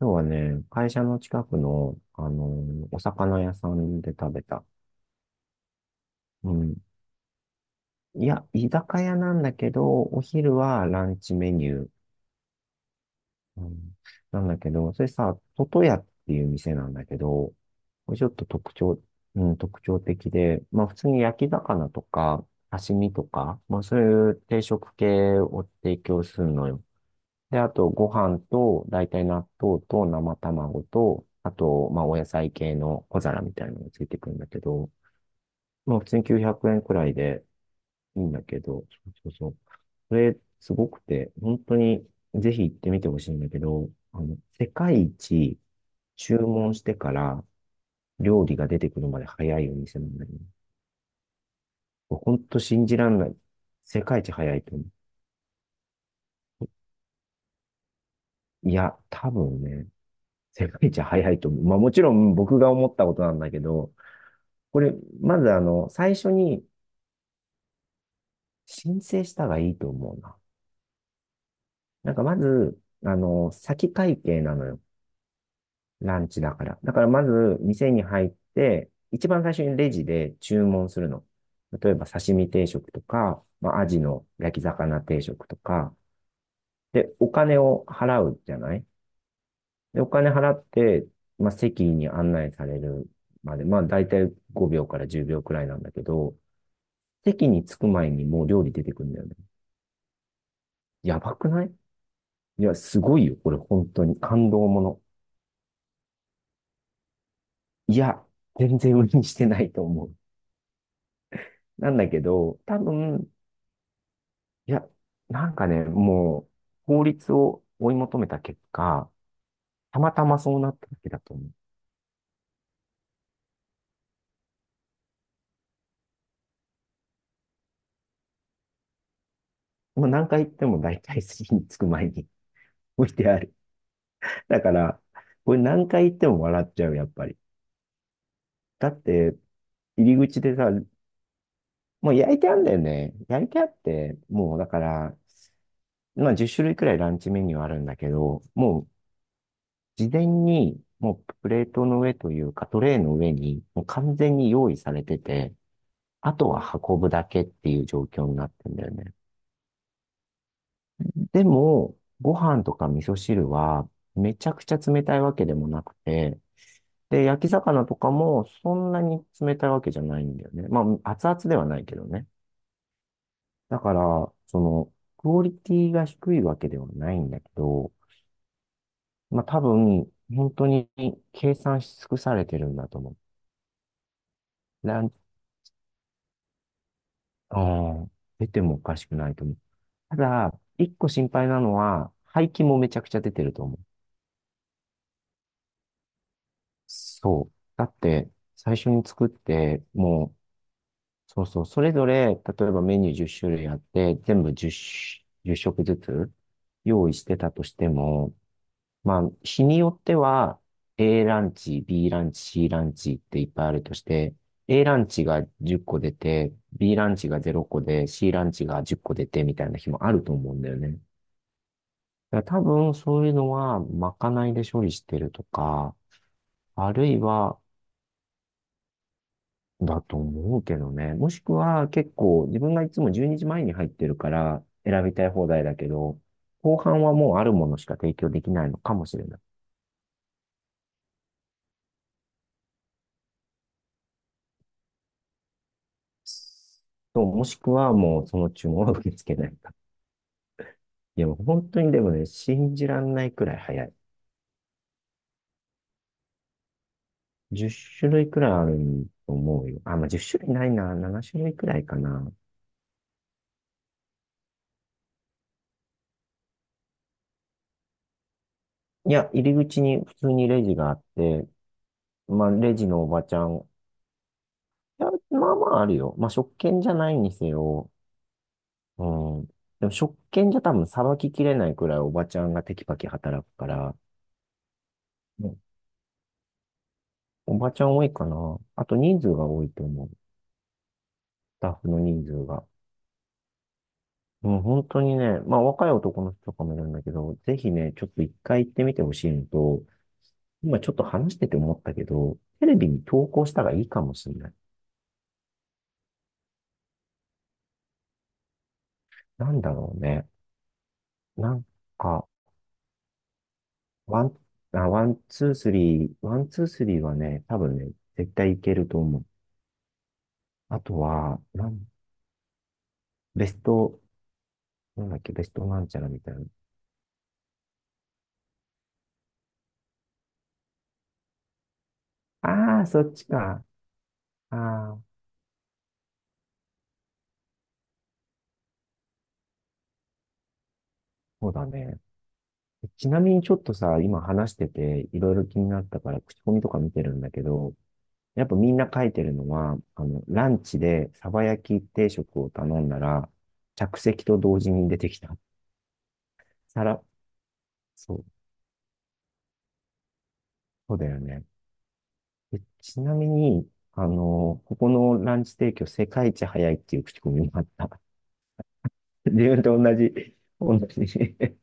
今日はね、会社の近くの、お魚屋さんで食べた。うん。いや、居酒屋なんだけど、お昼はランチメニュー。うん、なんだけど、それさ、トトヤっていう店なんだけど、これちょっとうん、特徴的で、まあ普通に焼き魚とか、刺身とか、まあそういう定食系を提供するのよ。で、あと、ご飯と、大体納豆と生卵と、あと、まあ、お野菜系の小皿みたいなのがついてくるんだけど、まあ、普通に900円くえんくらいでいいんだけど、そうそうそう。すごくて、本当に、ぜひ行ってみてほしいんだけど、世界一注文してから料理が出てくるまで早いお店なんだよね。本当信じらんない。世界一早いと思う。いや、多分ね、世界一早いと思う。まあもちろん僕が思ったことなんだけど、これ、まず最初に申請した方がいいと思うな。なんかまず、先会計なのよ。ランチだから。だからまず、店に入って、一番最初にレジで注文するの。例えば、刺身定食とか、まあ、アジの焼き魚定食とか。で、お金を払うじゃない？で、お金払って、まあ、席に案内されるまで、まあ、だいたい5秒から10秒くらいなんだけど、席に着く前にもう料理出てくるんだよね。やばくない？いや、すごいよ。これ本当に感動もの。いや、全然売りにしてないと思う。なんだけど、多分、いや、なんかね、もう、法律を追い求めた結果、たまたまそうなっただけだと思う。もう何回言っても大体筋につく前に 置いてある。だから、これ何回言っても笑っちゃう、やっぱり。だって、入り口でさ、もう焼いてあるんだよね。焼いてあって、もうだから、まあ10種類くらいランチメニューあるんだけど、もう事前に、もうプレートの上というか、トレイの上に、もう完全に用意されてて、あとは運ぶだけっていう状況になってんだよね。でも、ご飯とか味噌汁は、めちゃくちゃ冷たいわけでもなくて、で、焼き魚とかもそんなに冷たいわけじゃないんだよね。まあ、熱々ではないけどね。だから、その、クオリティが低いわけではないんだけど、まあ多分、本当に計算し尽くされてるんだと思う。ランああ、出てもおかしくないと思う。ただ、一個心配なのは、廃棄もめちゃくちゃ出てると思う。そう。だって、最初に作って、もう、そうそう、それぞれ、例えばメニュー10種類あって、全部10じゅう食ずつ用意してたとしても、まあ、日によっては、A ランチ、B ランチ、C ランチっていっぱいあるとして、A ランチが10個出て、B ランチが0個で、C ランチが10個出てみたいな日もあると思うんだよね。だから多分そういうのはまかないで処理してるとか、あるいはだと思うけどね。もしくは結構自分がいつも12時前にじまえに入ってるから選びたい放題だけど、後半はもうあるものしか提供できないのかもしれない。そう、もしくはもうその注文は受け付けないか。いや、もう本当にでもね、信じらんないくらい早い。10種類くらいあると思うよ。あ、まあ、10種類ないな。7種類くらいかな。いや、入り口に普通にレジがあって、まあ、レジのおばちゃん。いや、まあまああるよ。まあ、食券じゃないにせよ。うん。でも、食券じゃ多分さばききれないくらいおばちゃんがテキパキ働くから、うん、おばちゃん多いかな。あと人数が多いと思う。スタッフの人数が。うん、本当にね、まあ若い男の人とかもいるんだけど、ぜひね、ちょっと一回行ってみてほしいのと、今ちょっと話してて思ったけど、テレビに投稿したらいいかもしれない。なんだろうね。なんか、ワン、ワン、ツー、スリー、ワン、ツー、スリーはね、多分ね、絶対いけると思う。あとは、ベスト、なんだっけ、ベストなんちゃらみたいな。ああ、そっちか。ああ、そうだね。ちなみにちょっとさ、今話してて、いろいろ気になったから、口コミとか見てるんだけど、やっぱみんな書いてるのは、ランチでサバ焼き定食を頼んだら、着席と同時に出てきた。皿、そう、そうだよね。でちなみに、ここのランチ提供世界一早いっていう口コミもあった。自分と同じ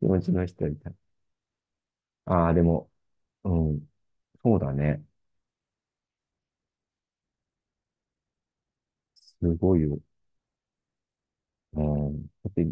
気持ちの人いた。ああ、でも、うん、そうだね。すごいよ。うん、だって、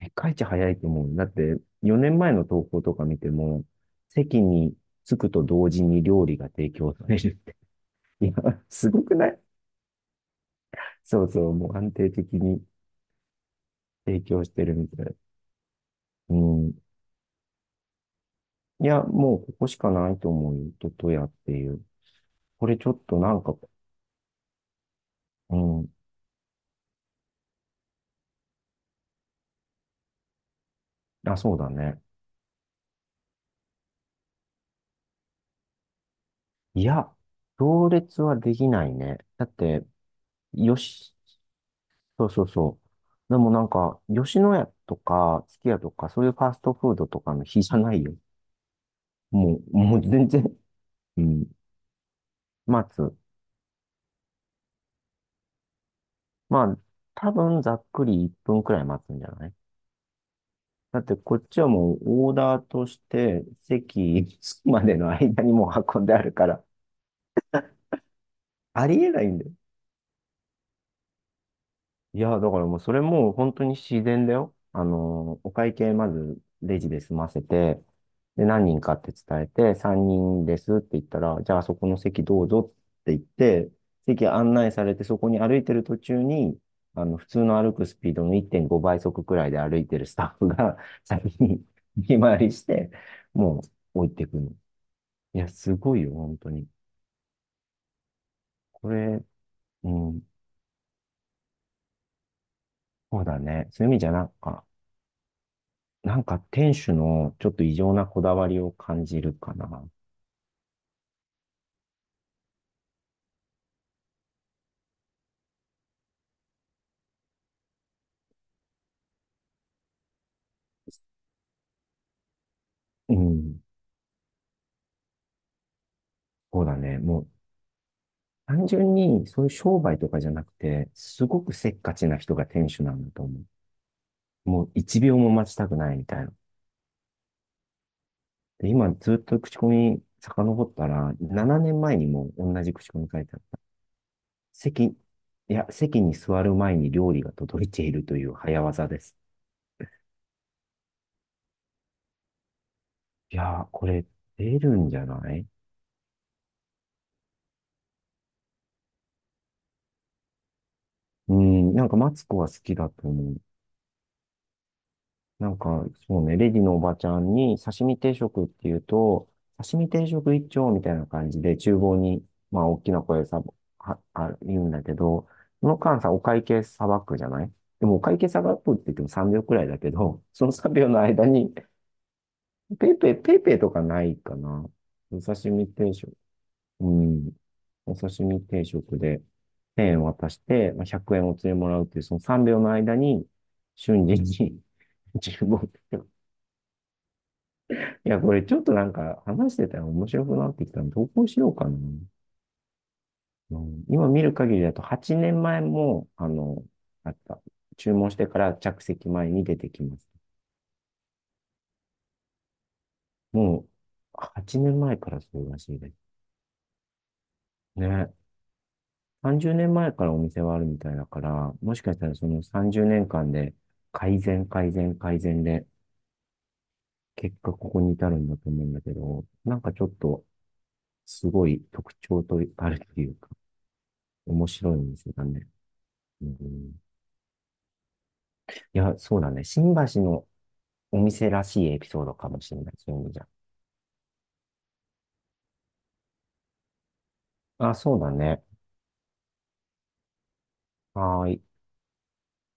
世界一早いと思う。だって、4年前の投稿とか見ても、席に着くと同時に料理が提供されるって。いや、すごくない？そうそう、もう安定的に提供してるみたい。うん。いや、もうここしかないと思うよ。ととやっていう。これちょっとなんか、うん、あ、そうだね。いや、行列はできないね。だって、よし、そうそうそう。でもなんか、吉野家とか、すき家とか、そういうファストフードとかの日じゃないよ。もう全然、うん、待つ。まあ、多分ざっくり1分くらい待つんじゃない？だってこっちはもうオーダーとして席 着くまでの間にもう運んであるから、ありえないんだよ。いや、だからもうそれもう本当に自然だよ。お会計まずレジで済ませて、で、何人かって伝えて、3人ですって言ったら、じゃあそこの席どうぞって言って、席案内されて、そこに歩いてる途中に、普通の歩くスピードの1.5倍速くらいで歩いてるスタッフが 先に見回りして、もう置いてくの。いや、すごいよ、本当に。これ、うん、そうだね。そういう意味じゃなんか店主のちょっと異常なこだわりを感じるかな。うん。そうだね。もう単純にそういう商売とかじゃなくて、すごくせっかちな人が店主なんだと思う。もう1秒も待ちたくないみたいな。で、今ずっと口コミ遡ったら、7年前にも同じ口コミ書いてあった。いや、席に座る前に料理が届いているという早技です。いやー、これ出るんじゃない？うん、なんかマツコは好きだと思う。なんか、そうね、レディのおばちゃんに刺身定食っていうと、刺身定食一丁みたいな感じで、厨房に、まあ、大きな声でさ、言うんだけど、その間さ、お会計さばくじゃない？でも、お会計さばくって言っても3秒くらいだけど、その3秒の間に、ペイペイとかないかな。お刺身定食。うん。お刺身定食で、1渡して、まあ、100円お釣りもらうっていう、その3秒の間に、瞬時に、15。いや、これちょっとなんか話してたら面白くなってきたので、投稿しようかな。うん、今見る限りだと8年前も、あった。注文してから着席前に出てきます。もう、8年前からそうらしいです。ね。30年前からお店はあるみたいだから、もしかしたらその30年間で改善、改善、改善で、結果ここに至るんだと思うんだけど、なんかちょっと、すごい特徴とあるっていうか、面白いお店だね。うん、いや、そうだね。新橋のお店らしいエピソードかもしれない。そういう意味じゃ。あ、そうだね。はーい。